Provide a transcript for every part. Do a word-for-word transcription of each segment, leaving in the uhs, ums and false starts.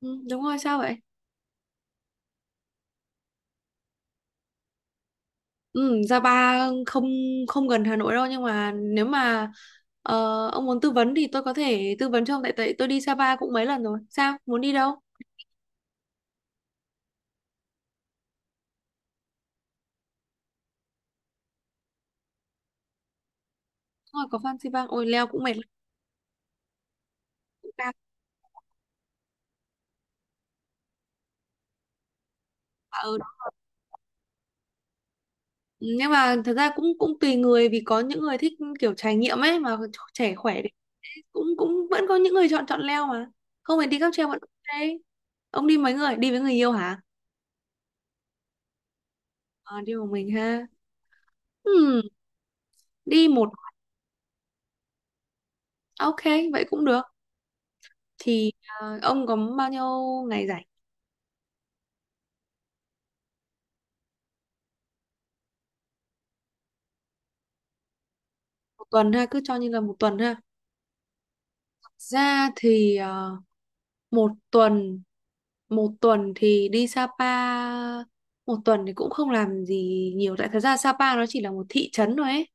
Ừ, đúng rồi, sao vậy? Ừ, Sapa không không gần Hà Nội đâu, nhưng mà nếu mà ờ, ông muốn tư vấn thì tôi có thể tư vấn cho ông, tại tại tôi đi Sapa cũng mấy lần rồi. Sao? Muốn đi đâu? Đúng rồi, có Phan Xipang. Ôi, leo cũng mệt lắm, cũng cao mà ở đó. Ừ, nhưng mà thật ra cũng cũng tùy người, vì có những người thích kiểu trải nghiệm ấy mà, ch- trẻ khỏe thì cũng cũng vẫn có những người chọn chọn leo mà. Không phải đi cáp treo vẫn ok. Ông đi mấy người? Đi với người yêu hả? Ờ, đi một mình ha. Ừ, đi một ok, vậy cũng được. Thì à, ông có bao nhiêu ngày rảnh? Một tuần ha, cứ cho như là một tuần ha, ra thì à, một tuần, một tuần thì đi Sapa, một tuần thì cũng không làm gì nhiều, tại thật ra Sapa nó chỉ là một thị trấn thôi ấy,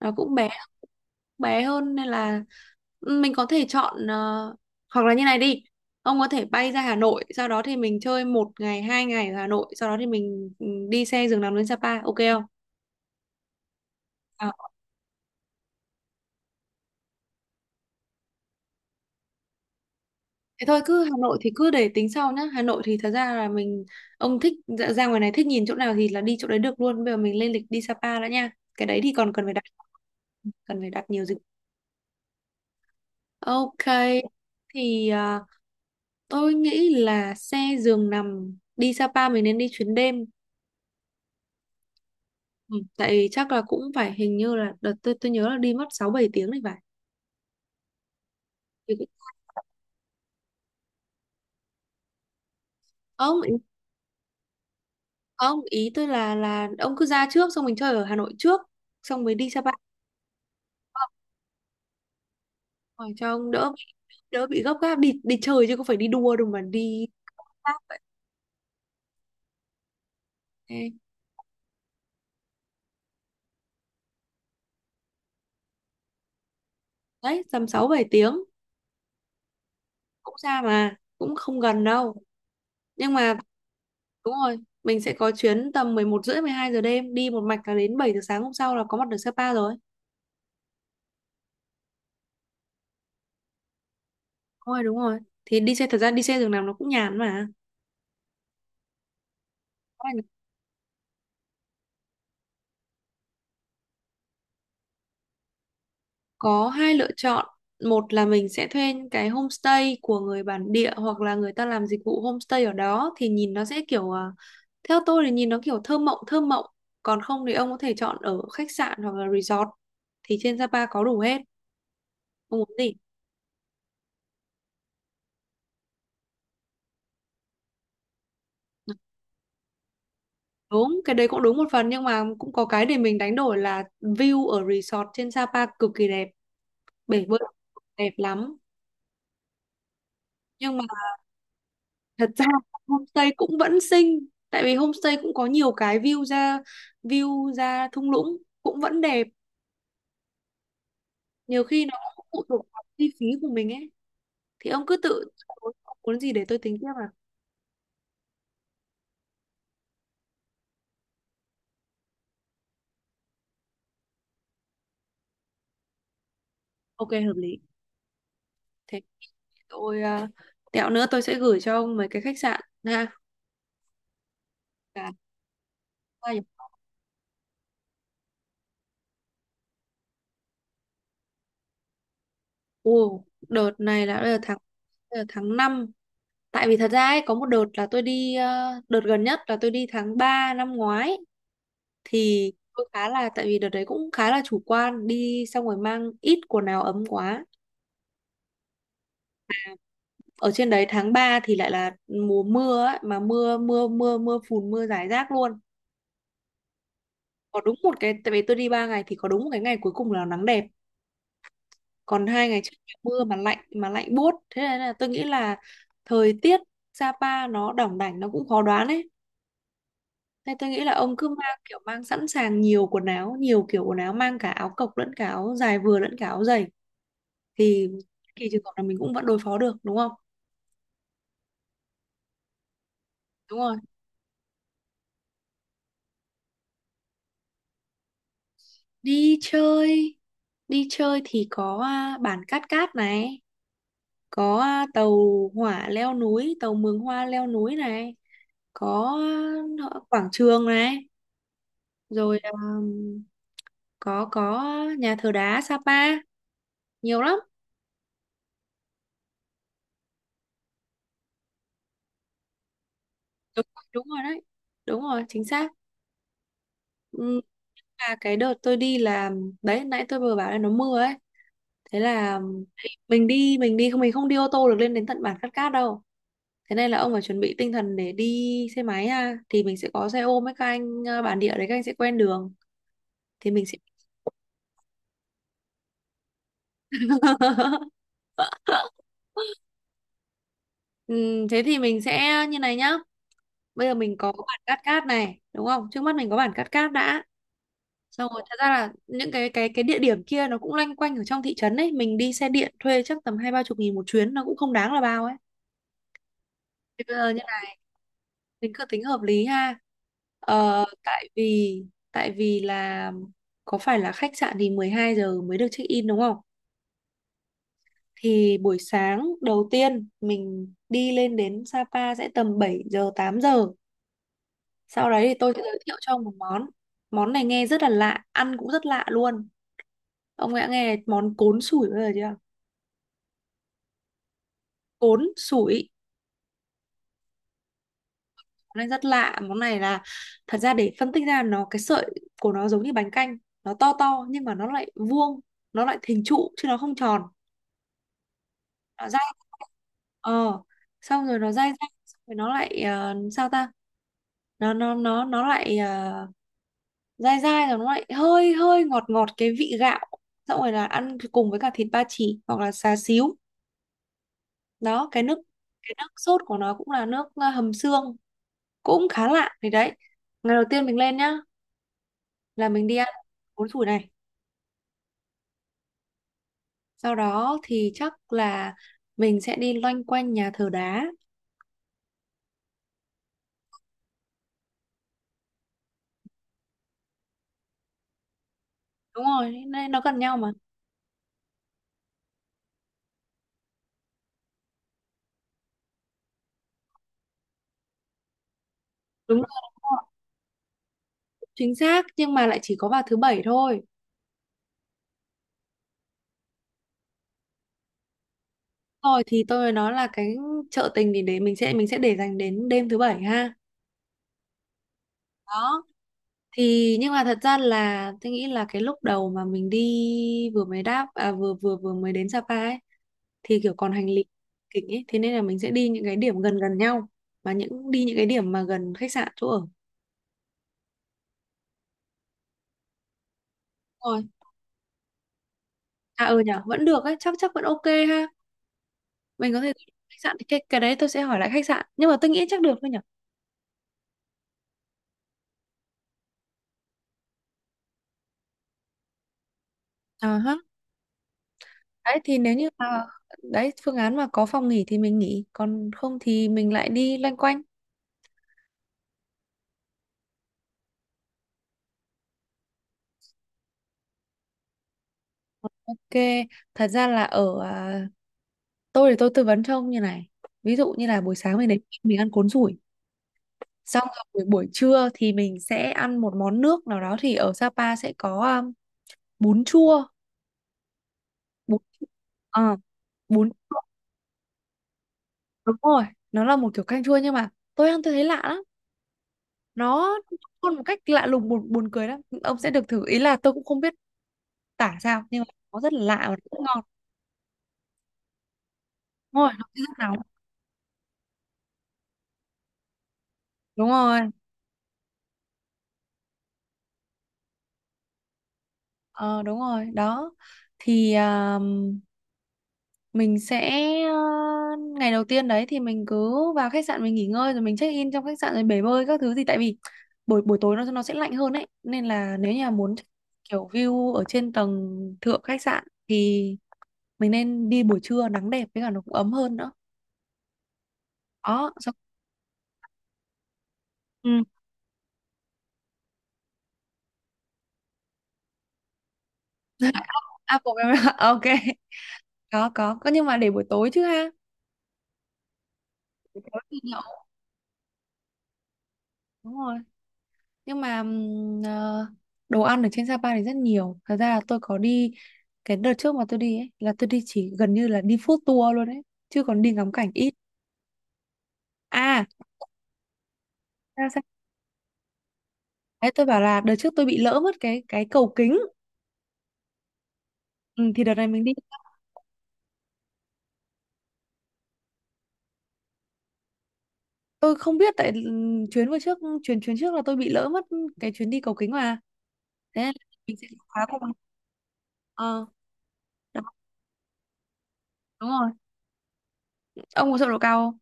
nó cũng bé, bé hơn, nên là ừ, mình có thể chọn ờ, hoặc là như này đi, ông có thể bay ra Hà Nội, sau đó thì mình chơi một ngày hai ngày ở Hà Nội, sau đó thì mình ừ, đi xe giường nằm lên Sapa, ok không? À, thế thôi, cứ Hà Nội thì cứ để tính sau nhá. Hà Nội thì thật ra là mình, ông thích ra ra ngoài này, thích nhìn chỗ nào thì là đi chỗ đấy được luôn. Bây giờ mình lên lịch đi Sapa đã nha. Cái đấy thì còn cần phải đặt, cần phải đặt nhiều dịch. Ok. Thì à, tôi nghĩ là xe giường nằm đi Sapa mình nên đi chuyến đêm. Ừ, tại vì chắc là cũng phải, hình như là đợt tôi tôi nhớ là đi mất sáu bảy tiếng thì phải. Thì cũng- Không, ý- không, ý tôi là là ông cứ ra trước, xong mình chơi ở Hà Nội trước, xong mới đi Sapa. Rồi cho ông đỡ, đỡ bị gấp gáp, đi đi chơi chứ không phải đi đua đâu mà đi khác thế. Đấy, tầm sáu bảy tiếng, cũng xa mà cũng không gần đâu, nhưng mà đúng rồi, mình sẽ có chuyến tầm mười một rưỡi mười hai giờ đêm, đi một mạch là đến bảy giờ sáng hôm sau là có mặt được Sapa rồi. Đúng rồi, đúng rồi, thì đi xe, thật ra đi xe giường nằm nó cũng nhàn mà. Có là có hai lựa chọn. Một là mình sẽ thuê những cái homestay của người bản địa hoặc là người ta làm dịch vụ homestay ở đó, thì nhìn nó sẽ kiểu à, theo tôi thì nhìn nó kiểu thơ mộng, thơ mộng. Còn không thì ông có thể chọn ở khách sạn hoặc là resort, thì trên Sapa có đủ hết. Ông muốn gì? Đúng, cái đấy cũng đúng một phần, nhưng mà cũng có cái để mình đánh đổi là view ở resort trên Sapa cực kỳ đẹp, bể bơi đẹp lắm. Nhưng thật ra homestay cũng vẫn xinh, tại vì homestay cũng có nhiều cái view ra, view ra thung lũng cũng vẫn đẹp, nhiều khi nó cũng phụ thuộc vào chi phí của mình ấy, thì ông cứ tự ông muốn gì để tôi tính tiếp à. Ok, hợp lý thế. Tôi uh, tẹo nữa tôi sẽ gửi cho ông mấy cái khách sạn ha, cả hai nhỉ? Ồ, đợt này là đợt tháng, đợt tháng năm, tại vì thật ra ấy, có một đợt là tôi đi, ờ, đợt gần nhất là tôi đi tháng ba năm ngoái thì tôi khá là, tại vì đợt đấy cũng khá là chủ quan, đi xong rồi mang ít quần áo ấm quá, ở trên đấy tháng ba thì lại là mùa mưa ấy, mà mưa mưa mưa mưa phùn, mưa rải rác luôn, có đúng một cái, tại vì tôi đi ba ngày thì có đúng một cái ngày cuối cùng là nắng đẹp, còn hai ngày trước mưa mà lạnh, mà lạnh buốt, thế nên là tôi nghĩ là thời tiết Sapa nó đỏng đảnh, nó cũng khó đoán ấy. Thế tôi nghĩ là ông cứ mang kiểu mang sẵn sàng nhiều quần áo, nhiều kiểu quần áo, mang cả áo cộc lẫn cả áo dài vừa lẫn cả áo dày, thì kỳ trường hợp là mình cũng vẫn đối phó được, đúng không? Đúng rồi. Đi chơi, đi chơi thì có à, bản Cát Cát này, có à, tàu hỏa leo núi, tàu Mường Hoa leo núi này, có à, quảng trường này, rồi à, có có nhà thờ đá Sapa, nhiều lắm. Đúng, đúng rồi đấy. Đúng rồi, chính xác. Ừ, là cái đợt tôi đi là, đấy nãy tôi vừa bảo là nó mưa ấy, thế là mình đi mình đi không mình không đi ô tô được lên đến tận bản Cát Cát đâu, thế nên là ông phải chuẩn bị tinh thần để đi xe máy ha, thì mình sẽ có xe ôm với các anh ờ, bản địa đấy, các anh sẽ quen đường thì mình sẽ Ừm, thế thì mình sẽ như này nhá, bây giờ mình có bản Cát Cát này đúng không, trước mắt mình có bản Cát Cát đã, xong rồi thật ra là những cái cái cái địa điểm kia nó cũng loanh quanh ở trong thị trấn ấy, mình đi xe điện thuê chắc tầm hai ba chục nghìn một chuyến, nó cũng không đáng là bao ấy. Ờ, như là mình cứ tính hợp lý ha, ờ, tại vì, tại vì là có phải là khách sạn thì mười hai giờ mới được check in đúng không, thì buổi sáng đầu tiên mình đi lên đến Sapa sẽ tầm bảy giờ tám giờ, sau đấy thì tôi sẽ giới thiệu cho ông một món, món này nghe rất là lạ, ăn cũng rất lạ luôn, ông đã nghe món cốn sủi bao giờ chưa? Cốn sủi, món rất lạ, món này là, thật ra để phân tích ra nó, cái sợi của nó giống như bánh canh, nó to to nhưng mà nó lại vuông, nó lại hình trụ chứ nó không tròn, nó dai, ờ, xong rồi nó dai dai, xong rồi nó lại ờ, sao ta, nó nó nó nó lại ờ, dai dai rồi nó lại hơi hơi ngọt ngọt cái vị gạo, xong rồi là ăn cùng với cả thịt ba chỉ hoặc là xá xíu đó, cái nước, cái nước sốt của nó cũng là nước ờ, hầm xương, cũng khá lạ. Thì đấy, ngày đầu tiên mình lên nhá là mình đi ăn bún thủi này, sau đó thì chắc là mình sẽ đi loanh quanh nhà thờ đá. Đúng rồi, nên nó gần nhau mà. Đúng rồi, đúng rồi, chính xác, nhưng mà lại chỉ có vào thứ bảy thôi. Rồi thì tôi mới nói là cái chợ tình, thì để mình sẽ mình sẽ để dành đến đêm thứ bảy ha, đó. Thì nhưng mà thật ra là tôi nghĩ là cái lúc đầu mà mình đi, vừa mới đáp à, vừa vừa vừa mới đến Sapa ấy, thì kiểu còn hành lý kịch ấy, thế nên là mình sẽ đi những cái điểm gần gần nhau, và những đi những cái điểm mà gần khách sạn, chỗ ở. Rồi. À ừ nhỉ, vẫn được ấy, chắc chắc vẫn ok ha. Mình có thể, khách sạn thì cái cái đấy tôi sẽ hỏi lại khách sạn, nhưng mà tôi nghĩ chắc được thôi nhỉ. À ha. Đấy thì nếu như mà đấy, phương án mà có phòng nghỉ thì mình nghỉ, còn không thì mình lại đi loanh quanh. Ok, thật ra là ở à, tôi thì tôi tư vấn cho ông như này. Ví dụ như là buổi sáng mình đến mình ăn cuốn sủi, xong rồi buổi buổi trưa thì mình sẽ ăn một món nước nào đó, thì ở Sapa sẽ có um, bún chua, bún, ờ, bún. Đúng rồi, nó là một kiểu canh chua, nhưng mà tôi ăn tôi thấy lạ lắm. Nó con một cách lạ lùng, buồn buồn cười lắm. Ông sẽ được thử, ý là tôi cũng không biết tả sao, nhưng mà nó rất là lạ và rất ngon. Đúng rồi, nó rất nóng. Đúng rồi. Ờ đúng rồi, đó. Thì à, mình sẽ à, ngày đầu tiên đấy thì mình cứ vào khách sạn, mình nghỉ ngơi rồi mình check in trong khách sạn rồi bể bơi các thứ gì, tại vì buổi buổi tối nó nó sẽ lạnh hơn ấy, nên là nếu như là muốn kiểu view ở trên tầng thượng khách sạn thì mình nên đi buổi trưa nắng đẹp, với cả nó cũng ấm hơn nữa đó. Sao? Ừ. à, bộ- ok, có có có nhưng mà để buổi tối chứ ha. Buổi tối thì nhậu, đúng rồi, nhưng mà ừm, ờ, đồ ăn ở trên Sapa thì rất nhiều, thật ra là tôi có đi cái đợt trước mà tôi đi ấy, là tôi đi chỉ gần như là đi food tour luôn ấy, chứ còn đi ngắm cảnh ít à. Ra sao? Đấy tôi bảo là đợt trước tôi bị lỡ mất cái cái cầu kính. Ừ, thì đợt này mình đi, tôi không biết, tại ừm, chuyến vừa trước, chuyến chuyến trước là tôi bị lỡ mất cái chuyến đi cầu kính mà, thế là mình sẽ khóa cùng. Ờ đó, đúng rồi, ông có sợ độ cao không?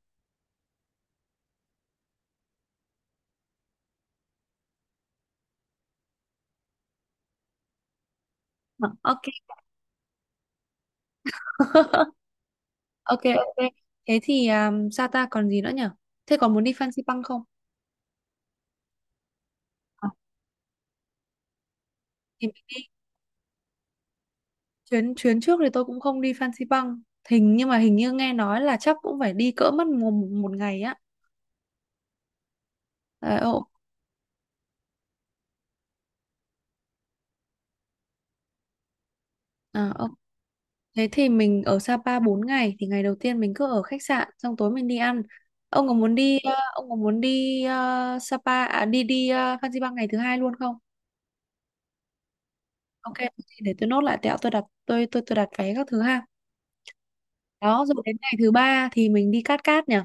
Ờ, ok. Ok ok. Thế thì um, sao ta, còn gì nữa nhở, thế còn muốn đi Fansipan không? Ờ, thì mình đi, chuyến, chuyến trước thì tôi cũng không đi Fansipan, hình nhưng mà hình như nghe nói là chắc cũng phải đi cỡ mất một, một ngày á, ờ ờ, ờ, ok. Thế thì mình ở Sapa bốn ngày thì ngày đầu tiên mình cứ ở khách sạn, xong tối mình đi ăn. Ông có muốn đi ờ, ông có muốn đi ờ, Sapa à, đi đi uh, Fansipan ngày thứ hai luôn không? Ok, thì để tôi nốt lại tẹo tôi đặt, tôi tôi tôi đặt vé các thứ ha. Đó, rồi đến ngày thứ ba thì mình đi Cát Cát nhỉ?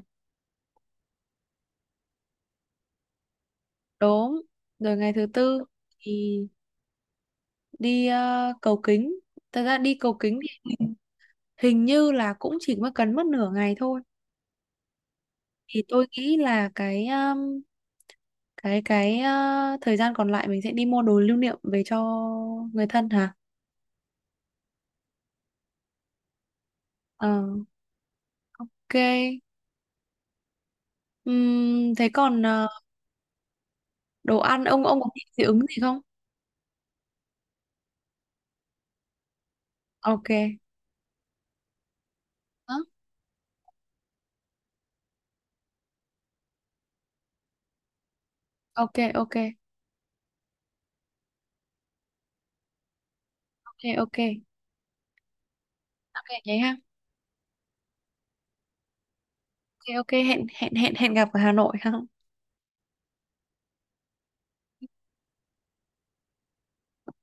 Đúng. Rồi ngày thứ tư thì đi ờ, cầu kính. Thật ra đi cầu kính thì hình như là cũng chỉ mới cần mất nửa ngày thôi. Thì tôi nghĩ là cái um, cái cái ờ, thời gian còn lại mình sẽ đi mua đồ lưu niệm về cho người thân hả? Ờ, ok. Ừm, thế còn ờ, đồ ăn, ông ông có thích dị ứng gì không? Ok. Hả? Ok ok, ok ok vậy ha. Ok ok, hẹn hẹn hẹn hẹn gặp ở Hà Nội ha.